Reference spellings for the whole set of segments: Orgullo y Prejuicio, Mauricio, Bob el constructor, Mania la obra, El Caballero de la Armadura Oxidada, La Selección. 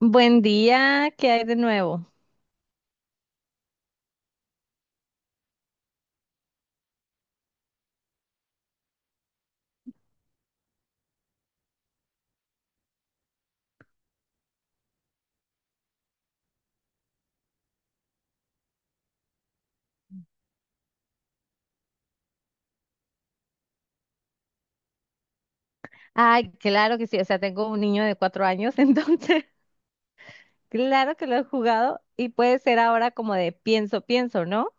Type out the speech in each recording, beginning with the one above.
Buen día, ¿qué hay de nuevo? Ay, claro que sí, o sea, tengo un niño de 4 años, entonces, claro que lo he jugado y puede ser ahora como de pienso, pienso, ¿no?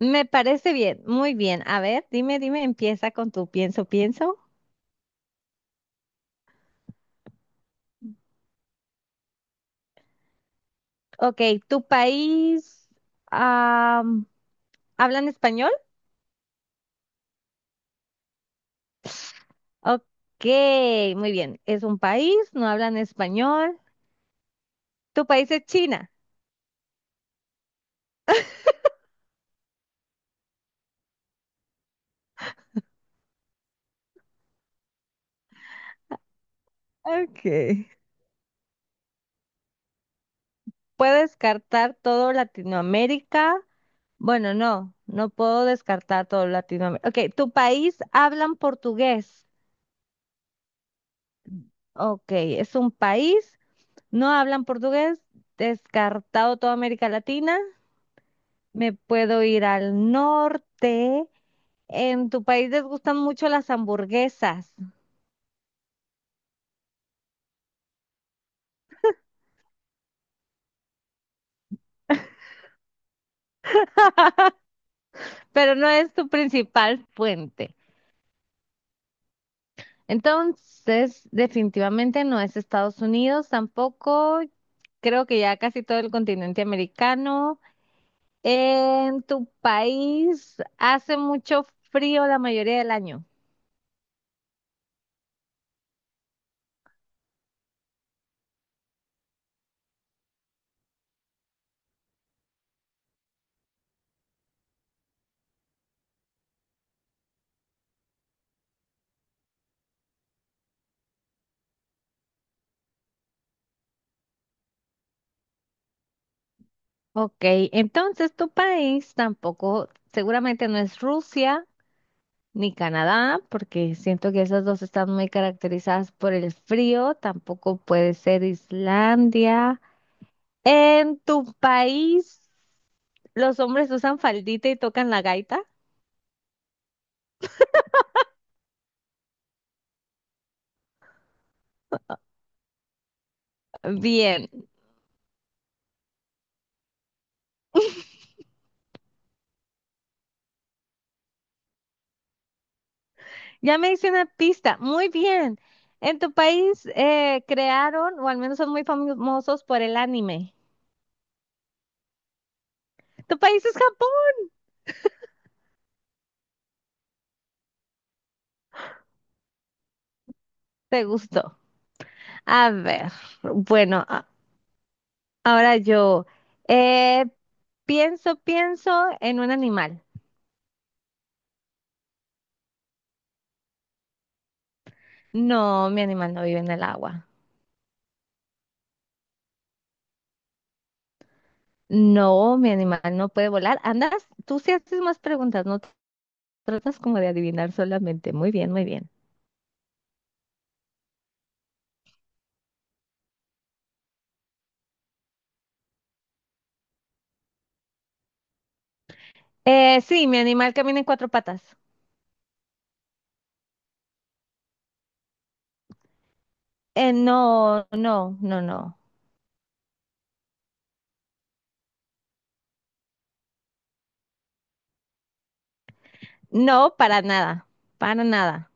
Me parece bien, muy bien. A ver, dime, dime, empieza con tu pienso, pienso. Ok, ¿tu país am, hablan español? Ok, muy bien, es un país, no hablan español. ¿Tu país es China? Ok. Puedo descartar todo Latinoamérica. Bueno, no, no puedo descartar todo Latinoamérica. Ok, ¿tu país hablan portugués? Ok, es un país, no hablan portugués, descartado toda América Latina. Me puedo ir al norte. En tu país les gustan mucho las hamburguesas, pero no es tu principal fuente. Entonces, definitivamente no es Estados Unidos tampoco. Creo que ya casi todo el continente americano. En tu país hace mucho frío la mayoría del año. Ok, entonces tu país tampoco, seguramente no es Rusia ni Canadá, porque siento que esas dos están muy caracterizadas por el frío. Tampoco puede ser Islandia. En tu país, los hombres usan faldita y tocan la gaita. Bien, ya me hice una pista. Muy bien. En tu país crearon, o al menos son muy famosos por el anime. ¿Tu país es Japón? ¿Te gustó? A ver, bueno, ahora yo eh, pienso, pienso en un animal. No, mi animal no vive en el agua. No, mi animal no puede volar. Andas, tú sí haces más preguntas, no tratas como de adivinar solamente. Muy bien, muy bien. Sí, mi animal camina en 4 patas. No, no, no, no. No, para nada, para nada.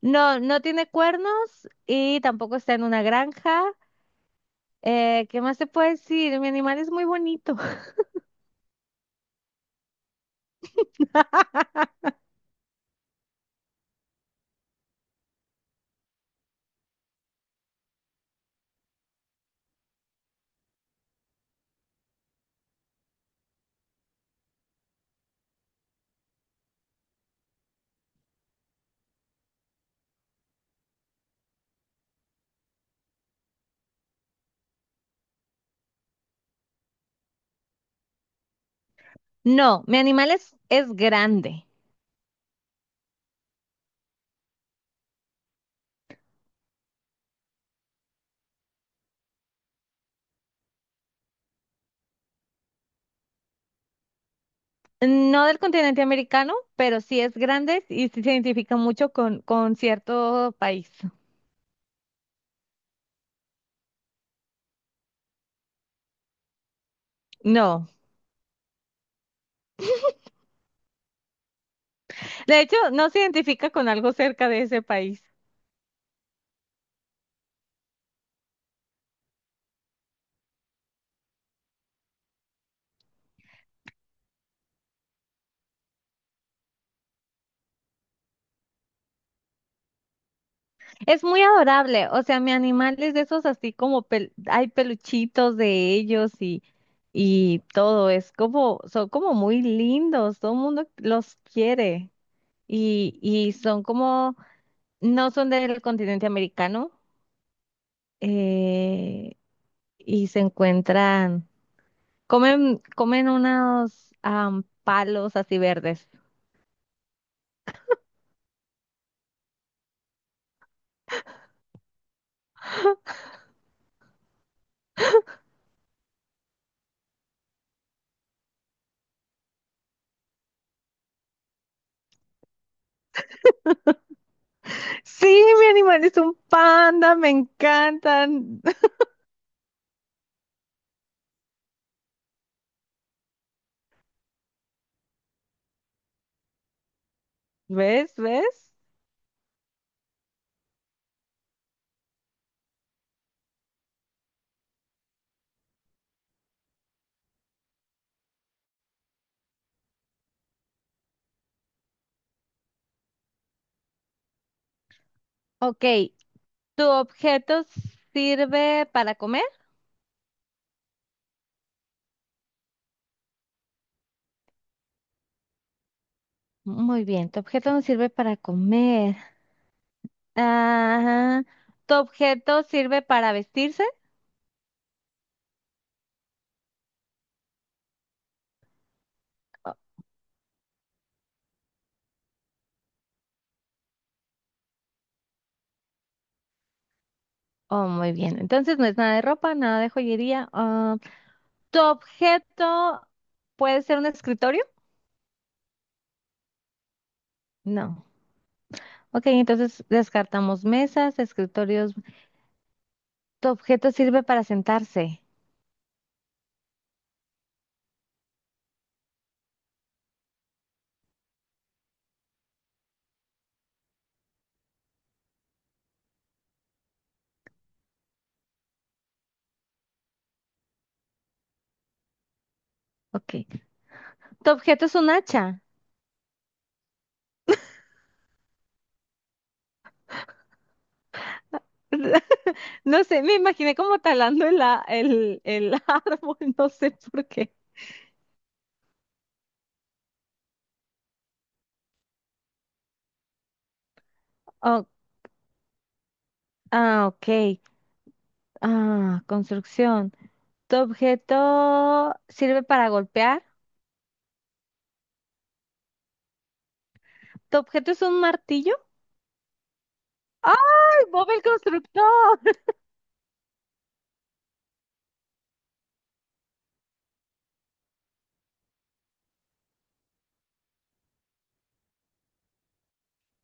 No, no tiene cuernos y tampoco está en una granja. ¿Qué más te puedo decir? Mi animal es muy bonito. No, mi animal es grande. No del continente americano, pero sí es grande y sí se identifica mucho con cierto país. No. De hecho, no se identifica con algo cerca de ese país. Es muy adorable, o sea, mi animal es de esos así como hay peluchitos de ellos y todo, es como, son como muy lindos, todo el mundo los quiere y son como, no son del continente americano eh, y se encuentran, comen, comen unos palos así verdes. Sí, mi animal es un panda, me encantan. ¿Ves? ¿Ves? Ok, ¿tu objeto sirve para comer? Muy bien, tu objeto no sirve para comer. Ajá. ¿Tu objeto sirve para vestirse? Oh, oh, muy bien. Entonces no es nada de ropa, nada de joyería. Ah, ¿tu objeto puede ser un escritorio? No. Ok, entonces descartamos mesas, escritorios. ¿Tu objeto sirve para sentarse? Ok. ¿Tu objeto es un hacha? No sé, me imaginé como talando el árbol, no sé por qué. Oh, ah, ok. Ah, construcción. ¿Tu objeto sirve para golpear? ¿Tu objeto es un martillo? ¡Ay, Bob el constructor!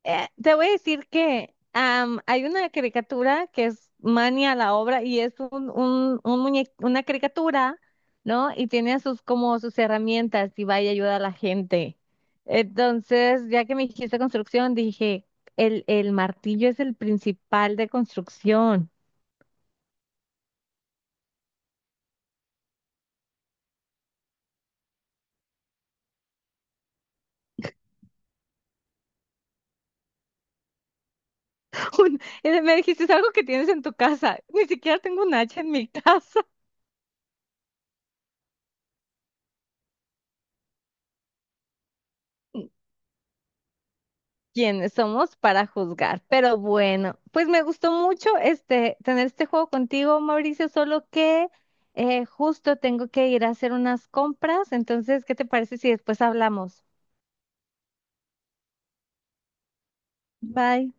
Te voy a decir que hay una caricatura que es Mania la obra y es un una caricatura, ¿no? Y tiene a sus como sus herramientas y va y ayuda a la gente. Entonces, ya que me dijiste construcción, dije, el martillo es el principal de construcción. Me dijiste, es algo que tienes en tu casa. Ni siquiera tengo un hacha en mi casa. ¿Quiénes somos para juzgar? Pero bueno, pues me gustó mucho este tener este juego contigo, Mauricio, solo que justo tengo que ir a hacer unas compras. Entonces, ¿qué te parece si después hablamos? Bye.